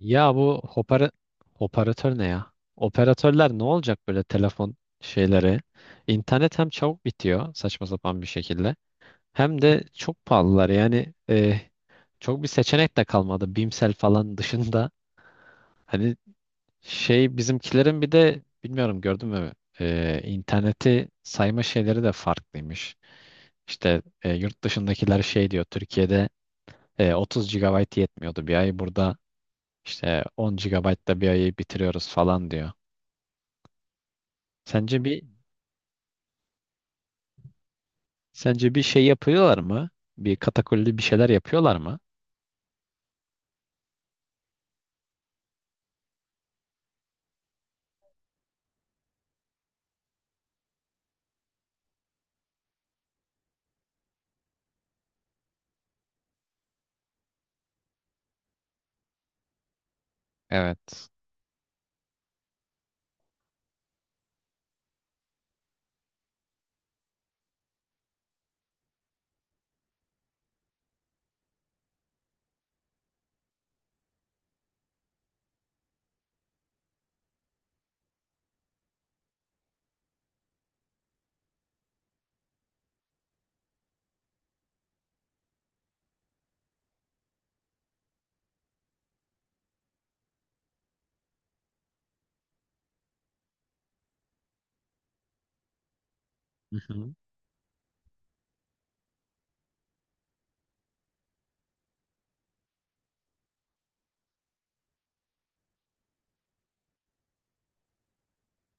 Ya bu operatör ne ya? Operatörler ne olacak böyle telefon şeyleri? İnternet hem çabuk bitiyor saçma sapan bir şekilde hem de çok pahalılar. Yani çok bir seçenek de kalmadı. Bimsel falan dışında. Hani şey bizimkilerin bir de bilmiyorum gördün mü? İnterneti sayma şeyleri de farklıymış. İşte yurt dışındakiler şey diyor Türkiye'de 30 gigabayt yetmiyordu bir ay burada işte 10 GB da bir ayı bitiriyoruz falan diyor. Sence bir sence bir şey yapıyorlar mı? Bir katakulli bir şeyler yapıyorlar mı? Evet. Hı hı.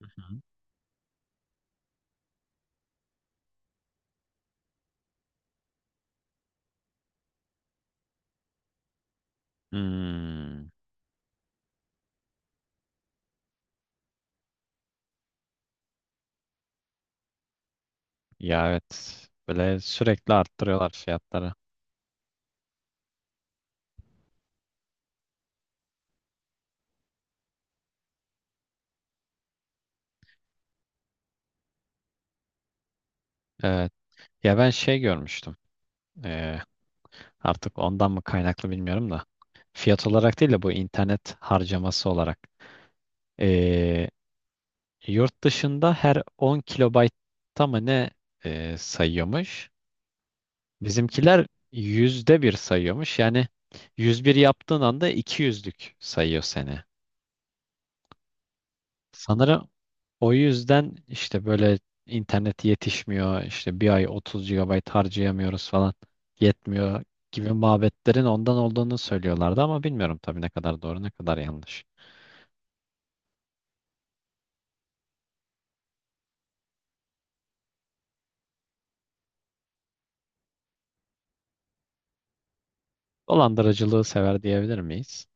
Hı hı. Hmm. Ya, evet. Böyle sürekli arttırıyorlar fiyatları. Evet. Ya ben şey görmüştüm. Ee, Artık ondan mı kaynaklı bilmiyorum da. Fiyat olarak değil de bu internet harcaması olarak. Ee, Yurt dışında her 10 kilobaytta mı ne sayıyormuş? Bizimkiler %1 sayıyormuş. Yani 101 yaptığın anda 200'lük sayıyor seni. Sanırım o yüzden işte böyle internet yetişmiyor, işte bir ay 30 gigabayt harcayamıyoruz falan yetmiyor gibi muhabbetlerin ondan olduğunu söylüyorlardı ama bilmiyorum tabii ne kadar doğru ne kadar yanlış. Dolandırıcılığı sever diyebilir miyiz?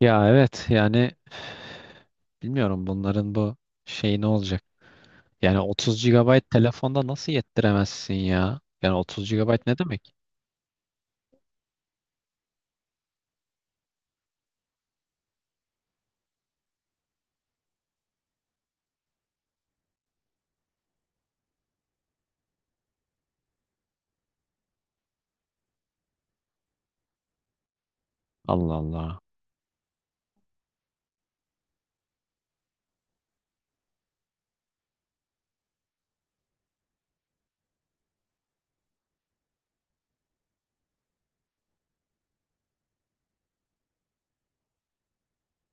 Ya evet yani bilmiyorum bunların bu şey ne olacak? Yani 30 gigabayt telefonda nasıl yettiremezsin ya? Yani 30 gigabayt ne demek? Allah Allah.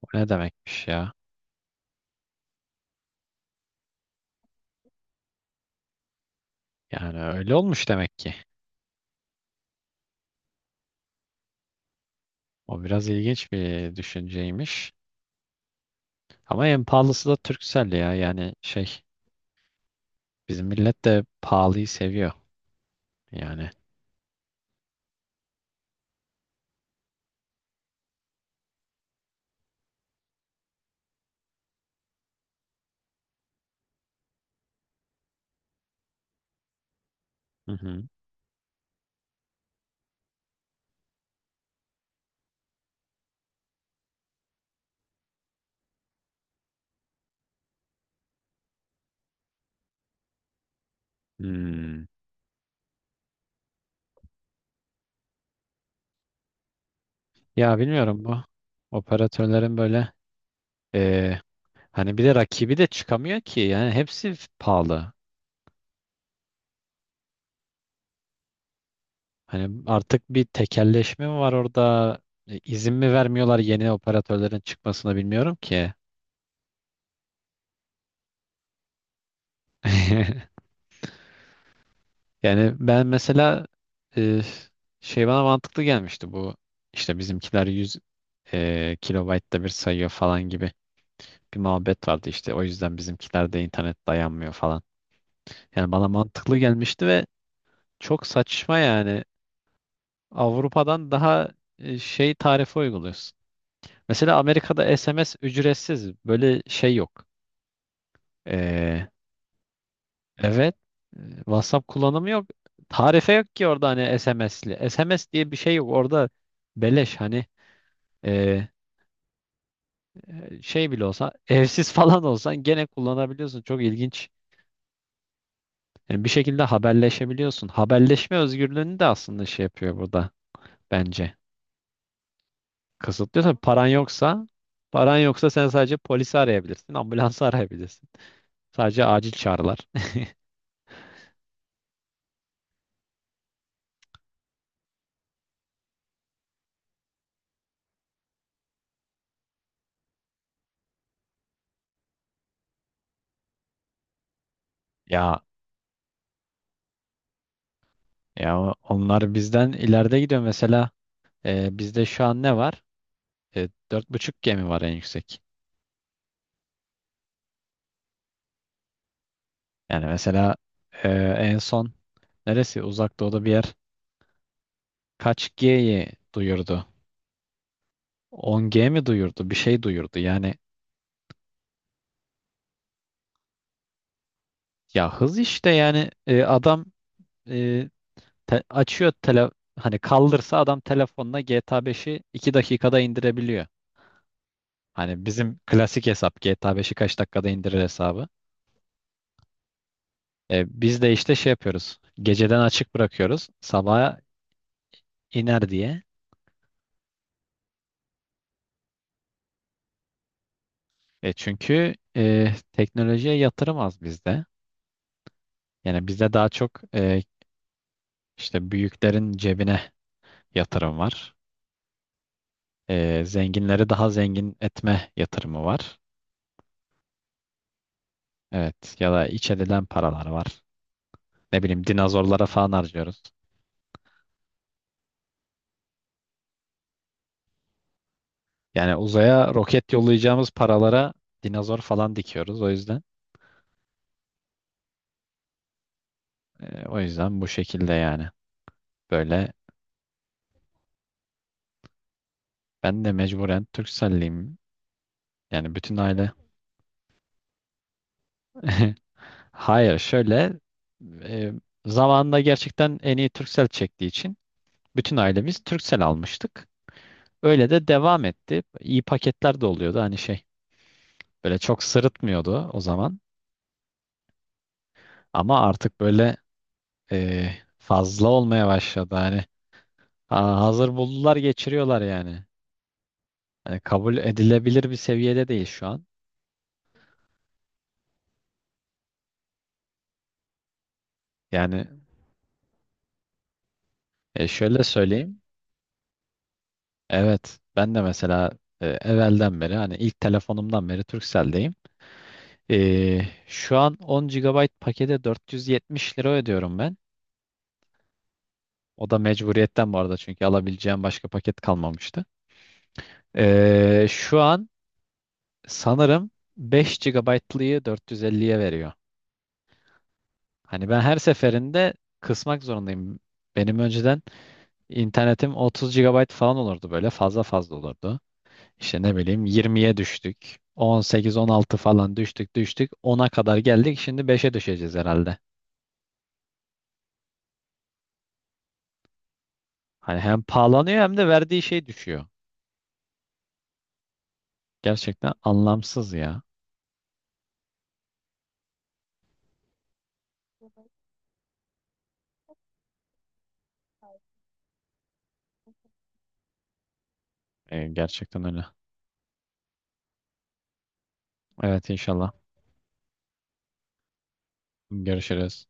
O ne demekmiş ya? Yani öyle olmuş demek ki. O biraz ilginç bir düşünceymiş. Ama en pahalısı da Turkcell ya. Yani şey bizim millet de pahalıyı seviyor. Yani. Hı hı. Hmm. Ya bilmiyorum bu operatörlerin böyle eee, hani bir de rakibi de çıkamıyor ki. Yani hepsi pahalı. Hani artık bir tekelleşme mi var orada? İzin mi vermiyorlar yeni operatörlerin çıkmasına bilmiyorum ki. Yani ben mesela e, şey bana mantıklı gelmişti bu işte bizimkiler 100 kilobaytta bir sayıyor falan gibi bir muhabbet vardı işte o yüzden bizimkilerde internet dayanmıyor falan. Yani bana mantıklı gelmişti ve çok saçma yani Avrupa'dan daha şey tarife uyguluyorsun. Mesela Amerika'da SMS ücretsiz. Böyle şey yok. Ee, evet. WhatsApp kullanımı yok. Tarife yok ki orada hani SMS'li. SMS diye bir şey yok. Orada beleş hani e, şey bile olsa evsiz falan olsan gene kullanabiliyorsun. Çok ilginç. Yani bir şekilde haberleşebiliyorsun. Haberleşme özgürlüğünü de aslında şey yapıyor burada bence. Kısıtlıyor tabii paran yoksa sen sadece polisi arayabilirsin, ambulansı arayabilirsin. Sadece acil çağrılar. Ya Onlar bizden ileride gidiyor. Mesela bizde şu an ne var? 4.5G mi var en yüksek. Yani mesela e, en son neresi? Uzak doğuda bir yer kaç G'yi duyurdu? 10G mi duyurdu? Bir şey duyurdu. Yani ya hız işte yani adam e, te- açıyor tele hani kaldırsa adam telefonla GTA beşi 2 dakikada indirebiliyor. Hani bizim klasik hesap GTA beşi kaç dakikada indirir hesabı. Biz de işte şey yapıyoruz. Geceden açık bırakıyoruz. Sabaha iner diye. Çünkü teknolojiye yatırım az bizde. Yani bizde daha çok işte büyüklerin cebine yatırım var. Zenginleri daha zengin etme yatırımı var. Evet. Ya da iç edilen paralar var. Ne bileyim dinozorlara falan harcıyoruz. Yani uzaya roket yollayacağımız paralara dinozor falan dikiyoruz. O yüzden bu şekilde yani. Böyle ben de mecburen Turkcelliyim. Yani bütün aile. Hayır, şöyle e, zamanında gerçekten en iyi Turkcell çektiği için bütün ailemiz Turkcell almıştık. Öyle de devam etti. İyi paketler de oluyordu hani şey. Böyle çok sırıtmıyordu o zaman. Ama artık böyle e, fazla olmaya başladı hani. Ha, hazır buldular geçiriyorlar yani. Hani kabul edilebilir bir seviyede değil şu an. Yani şöyle söyleyeyim. Evet ben de mesela evvelden beri hani ilk telefonumdan beri Turkcell'deyim. Ee, Şu an 10 gigabayt pakete 470 lira ödüyorum ben. O da mecburiyetten bu arada çünkü alabileceğim başka paket kalmamıştı. Şu an sanırım 5 GB'lıyı 450'ye veriyor. Hani ben her seferinde kısmak zorundayım. Benim önceden internetim 30 gigabayt falan olurdu böyle fazla fazla olurdu. İşte ne bileyim 20'ye düştük. 18-16 falan düştük düştük. 10'a kadar geldik. Şimdi 5'e düşeceğiz herhalde. Hani hem pahalanıyor hem de verdiği şey düşüyor. Gerçekten anlamsız ya. Gerçekten öyle. Evet inşallah. Görüşürüz.